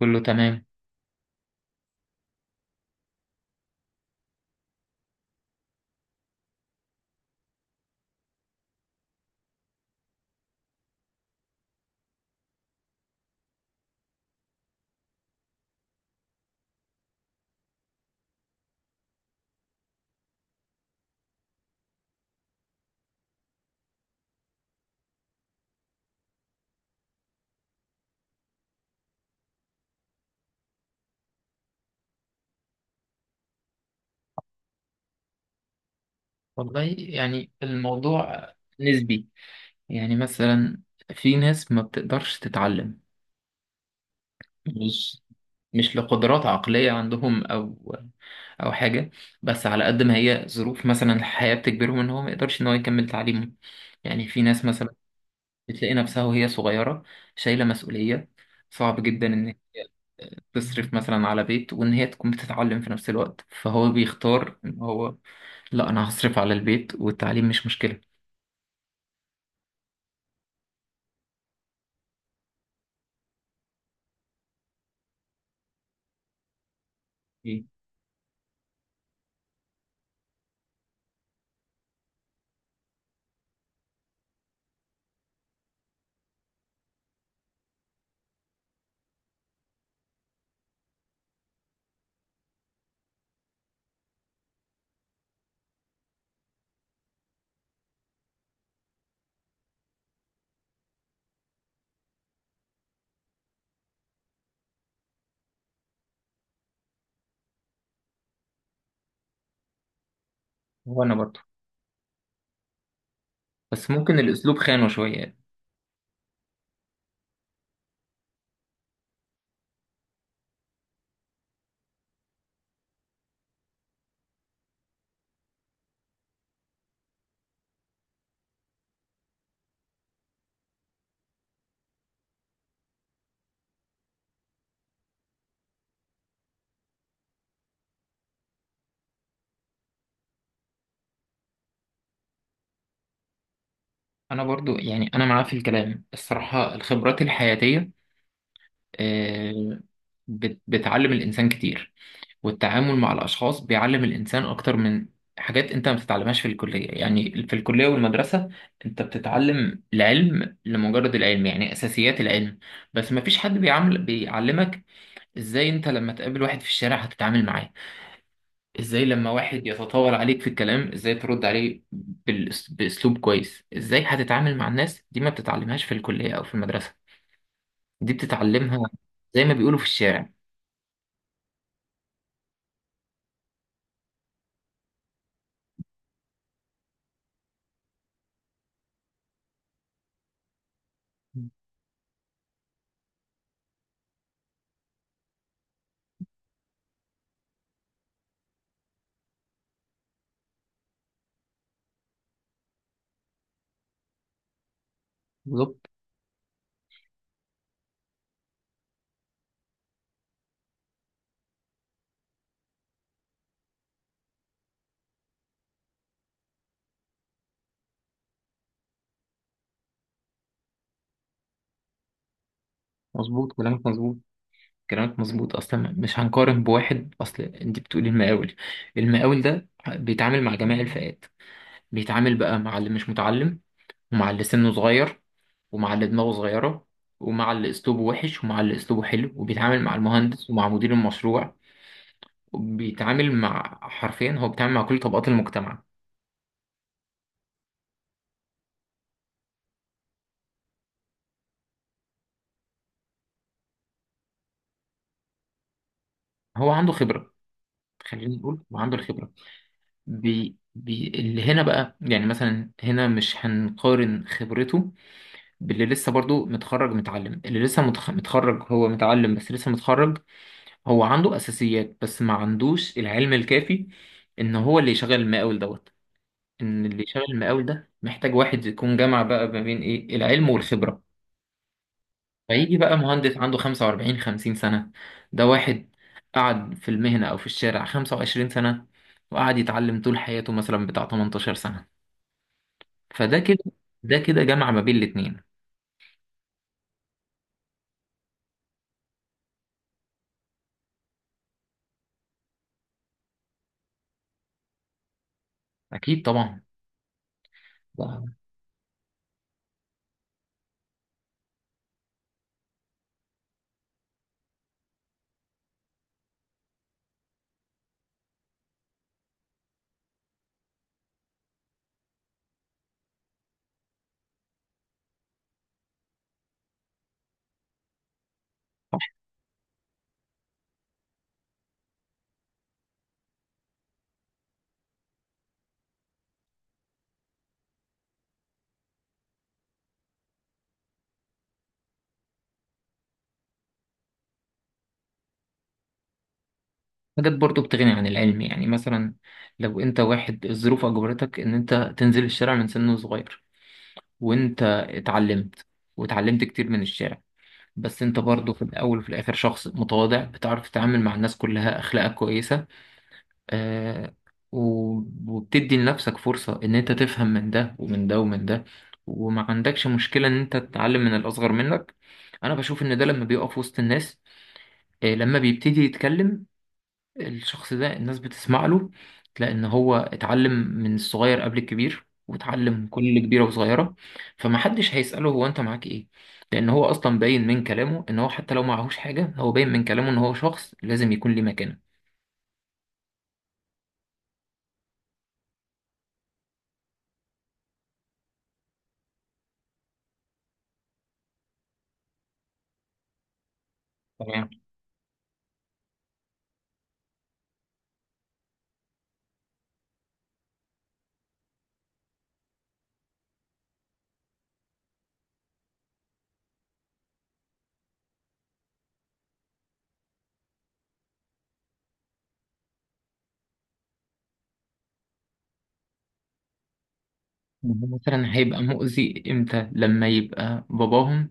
كله تمام. والله يعني الموضوع نسبي. يعني مثلا في ناس ما بتقدرش تتعلم، مش مش لقدرات عقلية عندهم أو حاجة. بس على قد ما هي ظروف مثلا الحياة بتجبرهم إن هو ما يقدرش إن هو يكمل تعليمه. يعني في ناس مثلا بتلاقي نفسها وهي صغيرة شايلة مسؤولية، صعب جدا إن تصرف مثلا على بيت وإن هي تكون بتتعلم في نفس الوقت، فهو بيختار إن هو لا أنا هصرف على البيت والتعليم مش مشكلة. وانا برضو، بس ممكن الاسلوب خانه شويه. انا برضو يعني انا معاه في الكلام، الصراحه الخبرات الحياتيه، آه، بتعلم الانسان كتير. والتعامل مع الاشخاص بيعلم الانسان اكتر من حاجات انت ما بتتعلمهاش في الكليه. يعني في الكليه والمدرسه انت بتتعلم العلم لمجرد العلم، يعني اساسيات العلم. بس ما فيش حد بيعلمك ازاي انت لما تقابل واحد في الشارع هتتعامل معاه، ازاي لما واحد يتطاول عليك في الكلام ازاي ترد عليه باسلوب كويس. ازاي هتتعامل مع الناس دي ما بتتعلمهاش في الكلية او في المدرسة، دي بتتعلمها زي ما بيقولوا في الشارع. بالظبط. مظبوط كلامك، مظبوط. كلامك مظبوط، اصلا مش هنقارن بواحد. اصل انت بتقولي المقاول. المقاول ده بيتعامل مع جميع الفئات، بيتعامل بقى مع اللي مش متعلم، ومع اللي سنه صغير، ومع اللي دماغه صغيرة، ومع اللي اسلوبه وحش، ومع اللي اسلوبه حلو، وبيتعامل مع المهندس ومع مدير المشروع. بيتعامل مع حرفيا هو بيتعامل مع كل طبقات المجتمع. هو عنده خبرة. خلينا نقول هو عنده الخبرة. بي بي اللي هنا بقى، يعني مثلا هنا مش هنقارن خبرته باللي لسه برضو متخرج متعلم، اللي لسه متخرج. هو متعلم بس لسه متخرج. هو عنده أساسيات بس ما عندوش العلم الكافي إن هو اللي يشغل المقاول دوت. إن اللي يشغل المقاول ده محتاج واحد يكون جمع بقى ما بين إيه العلم والخبرة. فيجي بقى مهندس عنده 45 50 سنة، ده واحد قعد في المهنة أو في الشارع 25 سنة، وقعد يتعلم طول حياته مثلا بتاع 18 سنة. فده كده ده كده جمع ما بين الاتنين. أكيد طبعا. ده حاجات برضو بتغني عن العلم، يعني مثلا لو أنت واحد الظروف أجبرتك إن أنت تنزل الشارع من سن صغير، وأنت اتعلمت، واتعلمت كتير من الشارع، بس أنت برضو في الأول وفي الآخر شخص متواضع، بتعرف تتعامل مع الناس كلها، أخلاقك كويسة، آه، و- وبتدي لنفسك فرصة إن أنت تفهم من ده ومن ده ومن ده، وما عندكش مشكلة إن أنت تتعلم من الأصغر منك. أنا بشوف إن ده لما بيقف وسط الناس، لما بيبتدي يتكلم الشخص ده الناس بتسمع له. تلاقي إن هو اتعلم من الصغير قبل الكبير، واتعلم كل كبيرة وصغيرة. فمحدش هيسأله هو أنت معاك إيه، لأن هو أصلا باين من كلامه إن هو حتى لو معهوش حاجة، هو باين من كلامه إن هو شخص لازم يكون ليه مكانة. هو مثلا هيبقى مؤذي امتى؟ لما يبقى باباهم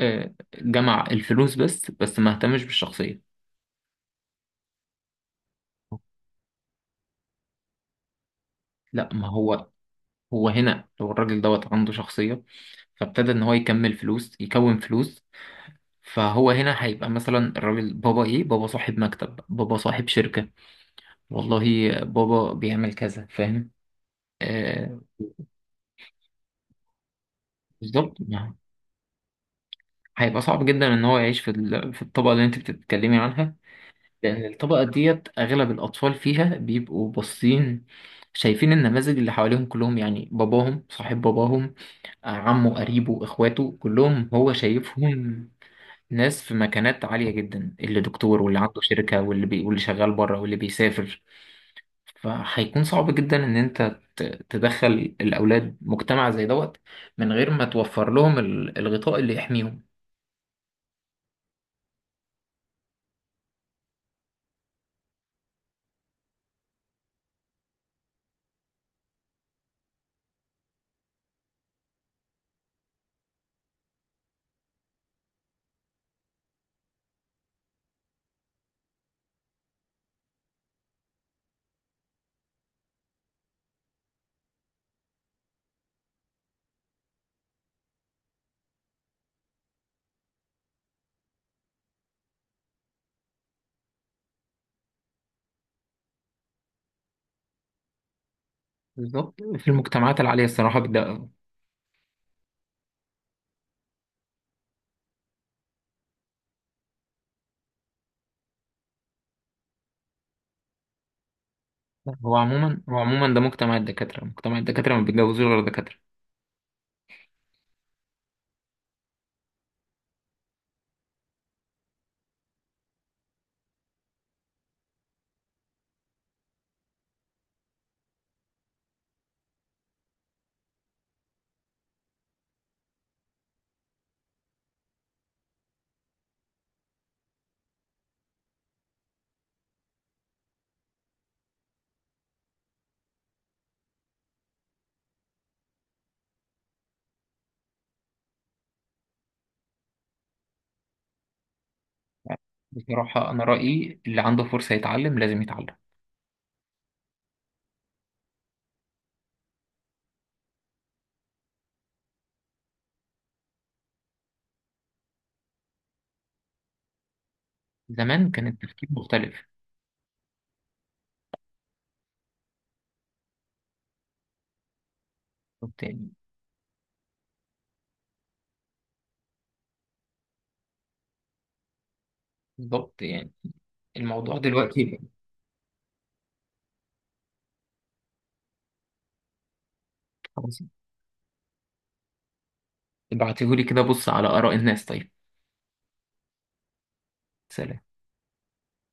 جمع الفلوس بس ما اهتمش بالشخصية. لا ما هو، هو هنا لو الراجل دوت عنده شخصية، فابتدى ان هو يكمل فلوس يكون فلوس، فهو هنا هيبقى مثلا الراجل بابا ايه؟ بابا صاحب مكتب، بابا صاحب شركة، والله بابا بيعمل كذا، فاهم؟ آه. بالظبط. هيبقى صعب جدا ان هو يعيش في الطبقة اللي انت بتتكلمي عنها. لأن الطبقة ديت أغلب الأطفال فيها بيبقوا باصين، شايفين النماذج اللي حواليهم كلهم، يعني باباهم صاحب، باباهم عمه، قريبه، إخواته كلهم هو شايفهم، ناس في مكانات عالية جدا، اللي دكتور، واللي عنده شركة، واللي واللي شغال بره، واللي بيسافر. فهيكون صعب جدا إن أنت تدخل الأولاد مجتمع زي دوت، من غير ما توفر لهم الغطاء اللي يحميهم. بالظبط. في المجتمعات العالية الصراحة. لا، هو عموما ده مجتمع الدكاترة. مجتمع الدكاترة ما بيتجوزوش غير دكاترة. بصراحة أنا رأيي اللي عنده فرصة يتعلم لازم يتعلم. زمان كان التفكير مختلف. يعني بالظبط. يعني الموضوع دلوقتي، خلاص. ابعتيهولي كده بص على آراء الناس. طيب، سلام.